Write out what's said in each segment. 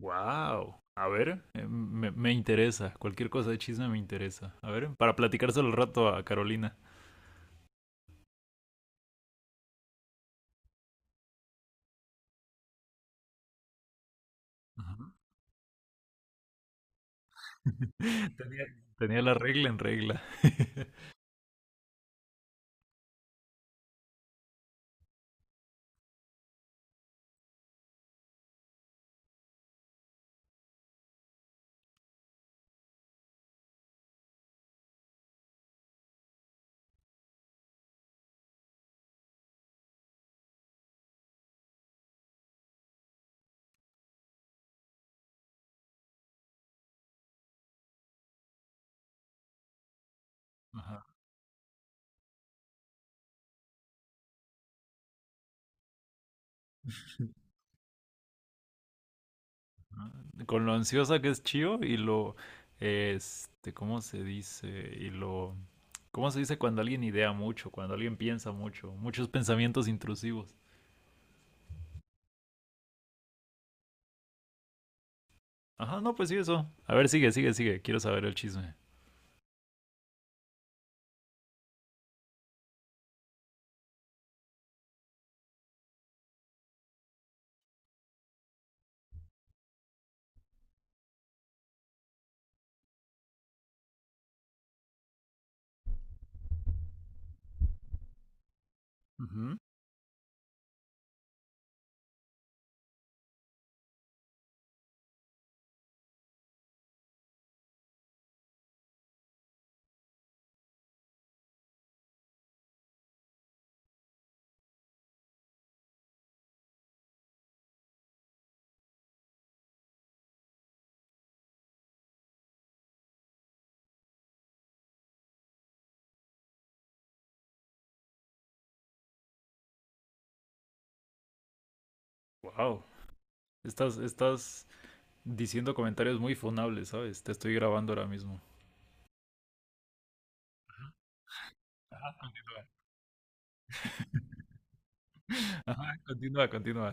Wow. A ver, me interesa. Cualquier cosa de chisme me interesa. A ver, para platicárselo al rato a Carolina. Ajá. Tenía, tenía la regla en regla. Ajá. Con lo ansiosa que es Chio y lo, ¿cómo se dice? Y lo, ¿cómo se dice cuando alguien idea mucho, cuando alguien piensa mucho, muchos pensamientos intrusivos? Ajá, no, pues sí, eso. A ver, sigue, sigue, sigue. Quiero saber el chisme. Wow. Estás diciendo comentarios muy funables, ¿sabes? Te estoy grabando ahora mismo. Ajá, continúa. Ajá, continúa, continúa.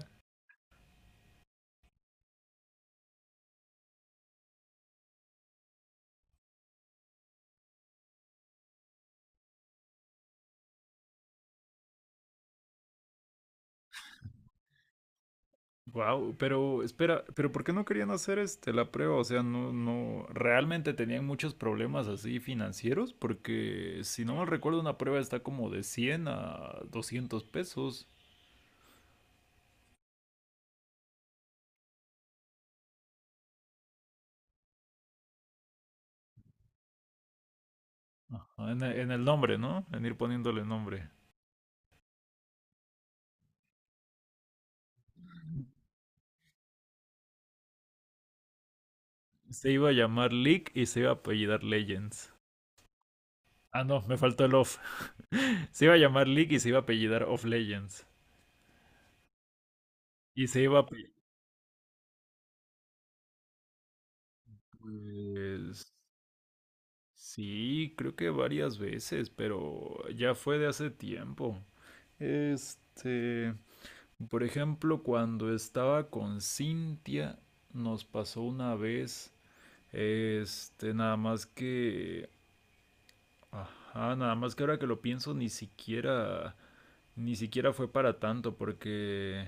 Wow, pero espera, pero ¿por qué no querían hacer la prueba? O sea, no, no, realmente tenían muchos problemas así financieros, porque si no mal recuerdo, una prueba está como de 100 a 200 pesos. Ajá, en, en el nombre, ¿no? En ir poniéndole nombre. Se iba a llamar Leak y se iba a apellidar Legends. Ah, no, me faltó el off. Se iba a llamar Leak y se iba a apellidar Off Legends. Y se iba a... Pues sí, creo que varias veces, pero ya fue de hace tiempo. Este, por ejemplo, cuando estaba con Cintia, nos pasó una vez, nada más que, ajá, nada más que ahora que lo pienso, ni siquiera, ni siquiera fue para tanto, porque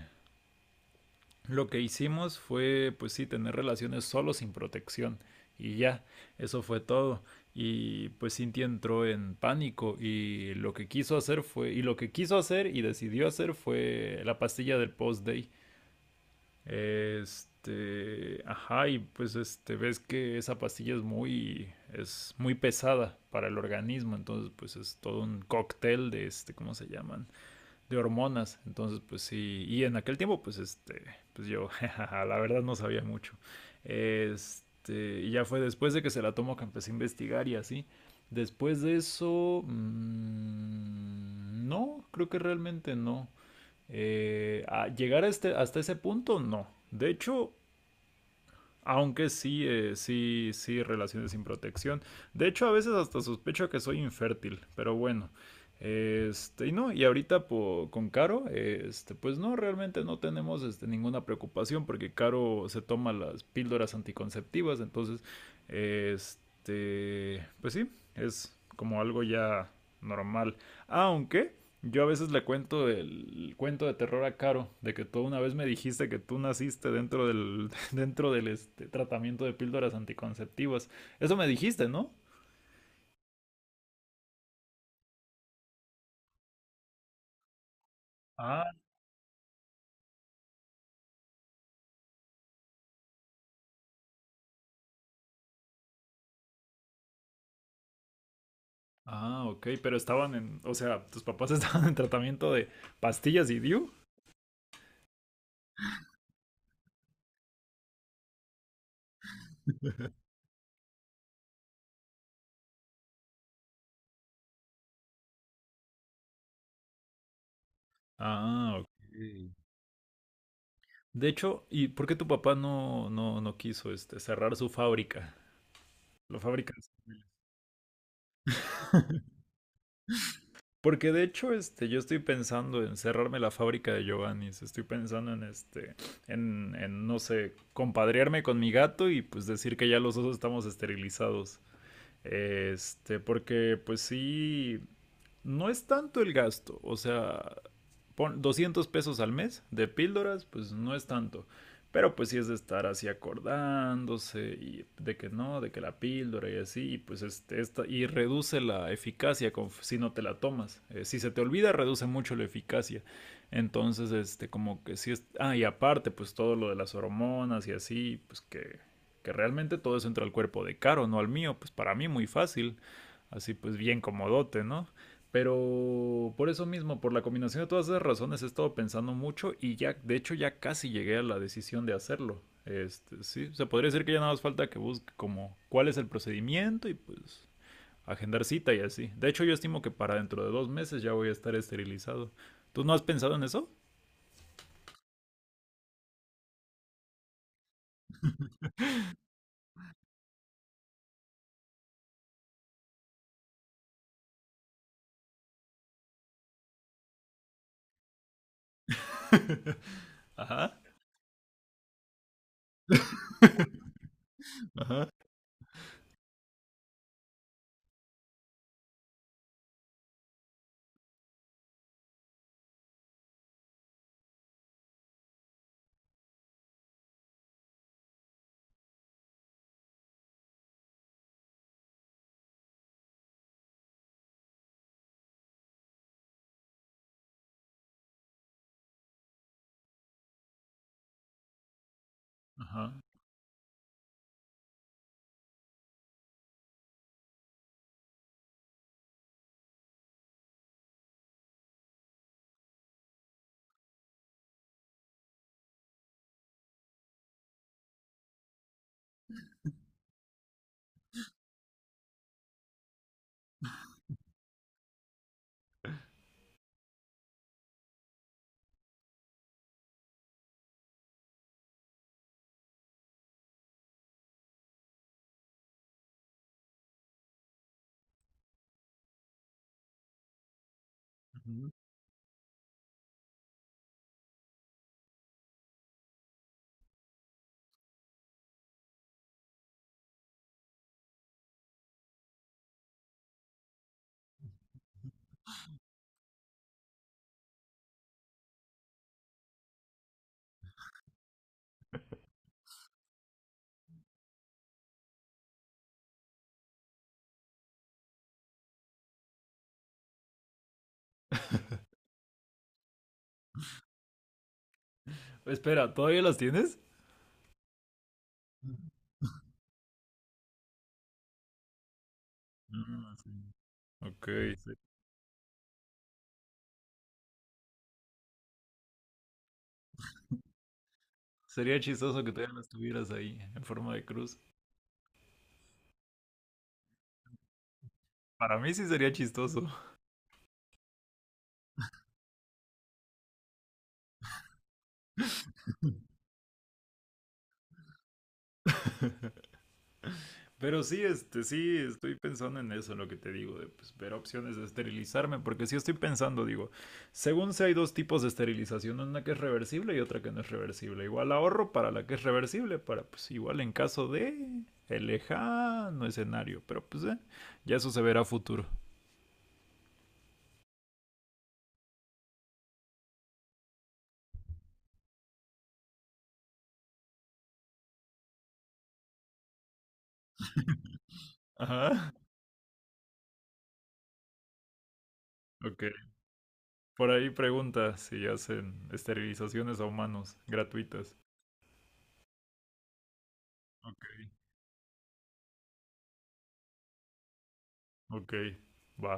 lo que hicimos fue, pues sí, tener relaciones solo sin protección. Y ya, eso fue todo. Y pues Cynthia entró en pánico y lo que quiso hacer fue, y lo que quiso hacer y decidió hacer fue la pastilla del post-day. Ajá, y pues ves que esa pastilla es muy pesada para el organismo, entonces pues es todo un cóctel de ¿cómo se llaman? De hormonas. Entonces, pues sí, y en aquel tiempo, pues pues yo, la verdad no sabía mucho. Y ya fue después de que se la tomó que empecé a investigar y así. Después de eso, no, creo que realmente no. A llegar a hasta ese punto, no. De hecho, aunque sí, sí, sí, relaciones sin protección. De hecho, a veces hasta sospecho que soy infértil, pero bueno. Y no, y ahorita con Caro, pues no, realmente no tenemos ninguna preocupación porque Caro se toma las píldoras anticonceptivas, entonces, pues sí, es como algo ya normal. Aunque yo a veces le cuento el cuento de terror a Caro, de que tú una vez me dijiste que tú naciste dentro del, dentro del tratamiento de píldoras anticonceptivas. Eso me dijiste, ¿no? Ah. Ah, ok, pero estaban en, o sea, tus papás estaban en tratamiento de pastillas y DIU. Ah, ok. Sí. De hecho, ¿y por qué tu papá no quiso cerrar su fábrica? La fábrica de cerveza. Porque de hecho, yo estoy pensando en cerrarme la fábrica de Giovanni's. Estoy pensando en no sé, compadrearme con mi gato y pues decir que ya los dos estamos esterilizados. Porque pues sí, no es tanto el gasto, o sea, pon 200 pesos al mes de píldoras, pues no es tanto. Pero pues sí es de estar así acordándose y de que no, de que la píldora y así, y pues y reduce la eficacia con, si no te la tomas. Si se te olvida, reduce mucho la eficacia. Entonces, como que sí es, ah, y aparte, pues todo lo de las hormonas y así, pues que realmente todo eso entra al cuerpo de Caro, no al mío, pues para mí muy fácil, así pues bien comodote, ¿no? Pero por eso mismo, por la combinación de todas esas razones, he estado pensando mucho y ya, de hecho, ya casi llegué a la decisión de hacerlo. Sí, o sea, podría decir que ya nada más falta que busque como cuál es el procedimiento y pues agendar cita y así. De hecho, yo estimo que para dentro de 2 meses ya voy a estar esterilizado. ¿Tú no has pensado en eso? Ajá, ajá, ajá. Ujú. Espera, ¿todavía las tienes? Mm, sí. Ok, se- sería chistoso que todavía las tuvieras ahí en forma de cruz. Para mí sí sería chistoso. Pero sí, sí, estoy pensando en eso, en lo que te digo, de pues, ver opciones de esterilizarme, porque sí estoy pensando, digo, según sé hay dos tipos de esterilización, una que es reversible y otra que no es reversible. Igual ahorro para la que es reversible, para pues igual en caso de el lejano escenario, pero pues ya eso se verá a futuro. Ajá, ok. Por ahí pregunta si hacen esterilizaciones a humanos gratuitas. Ok, ok, va.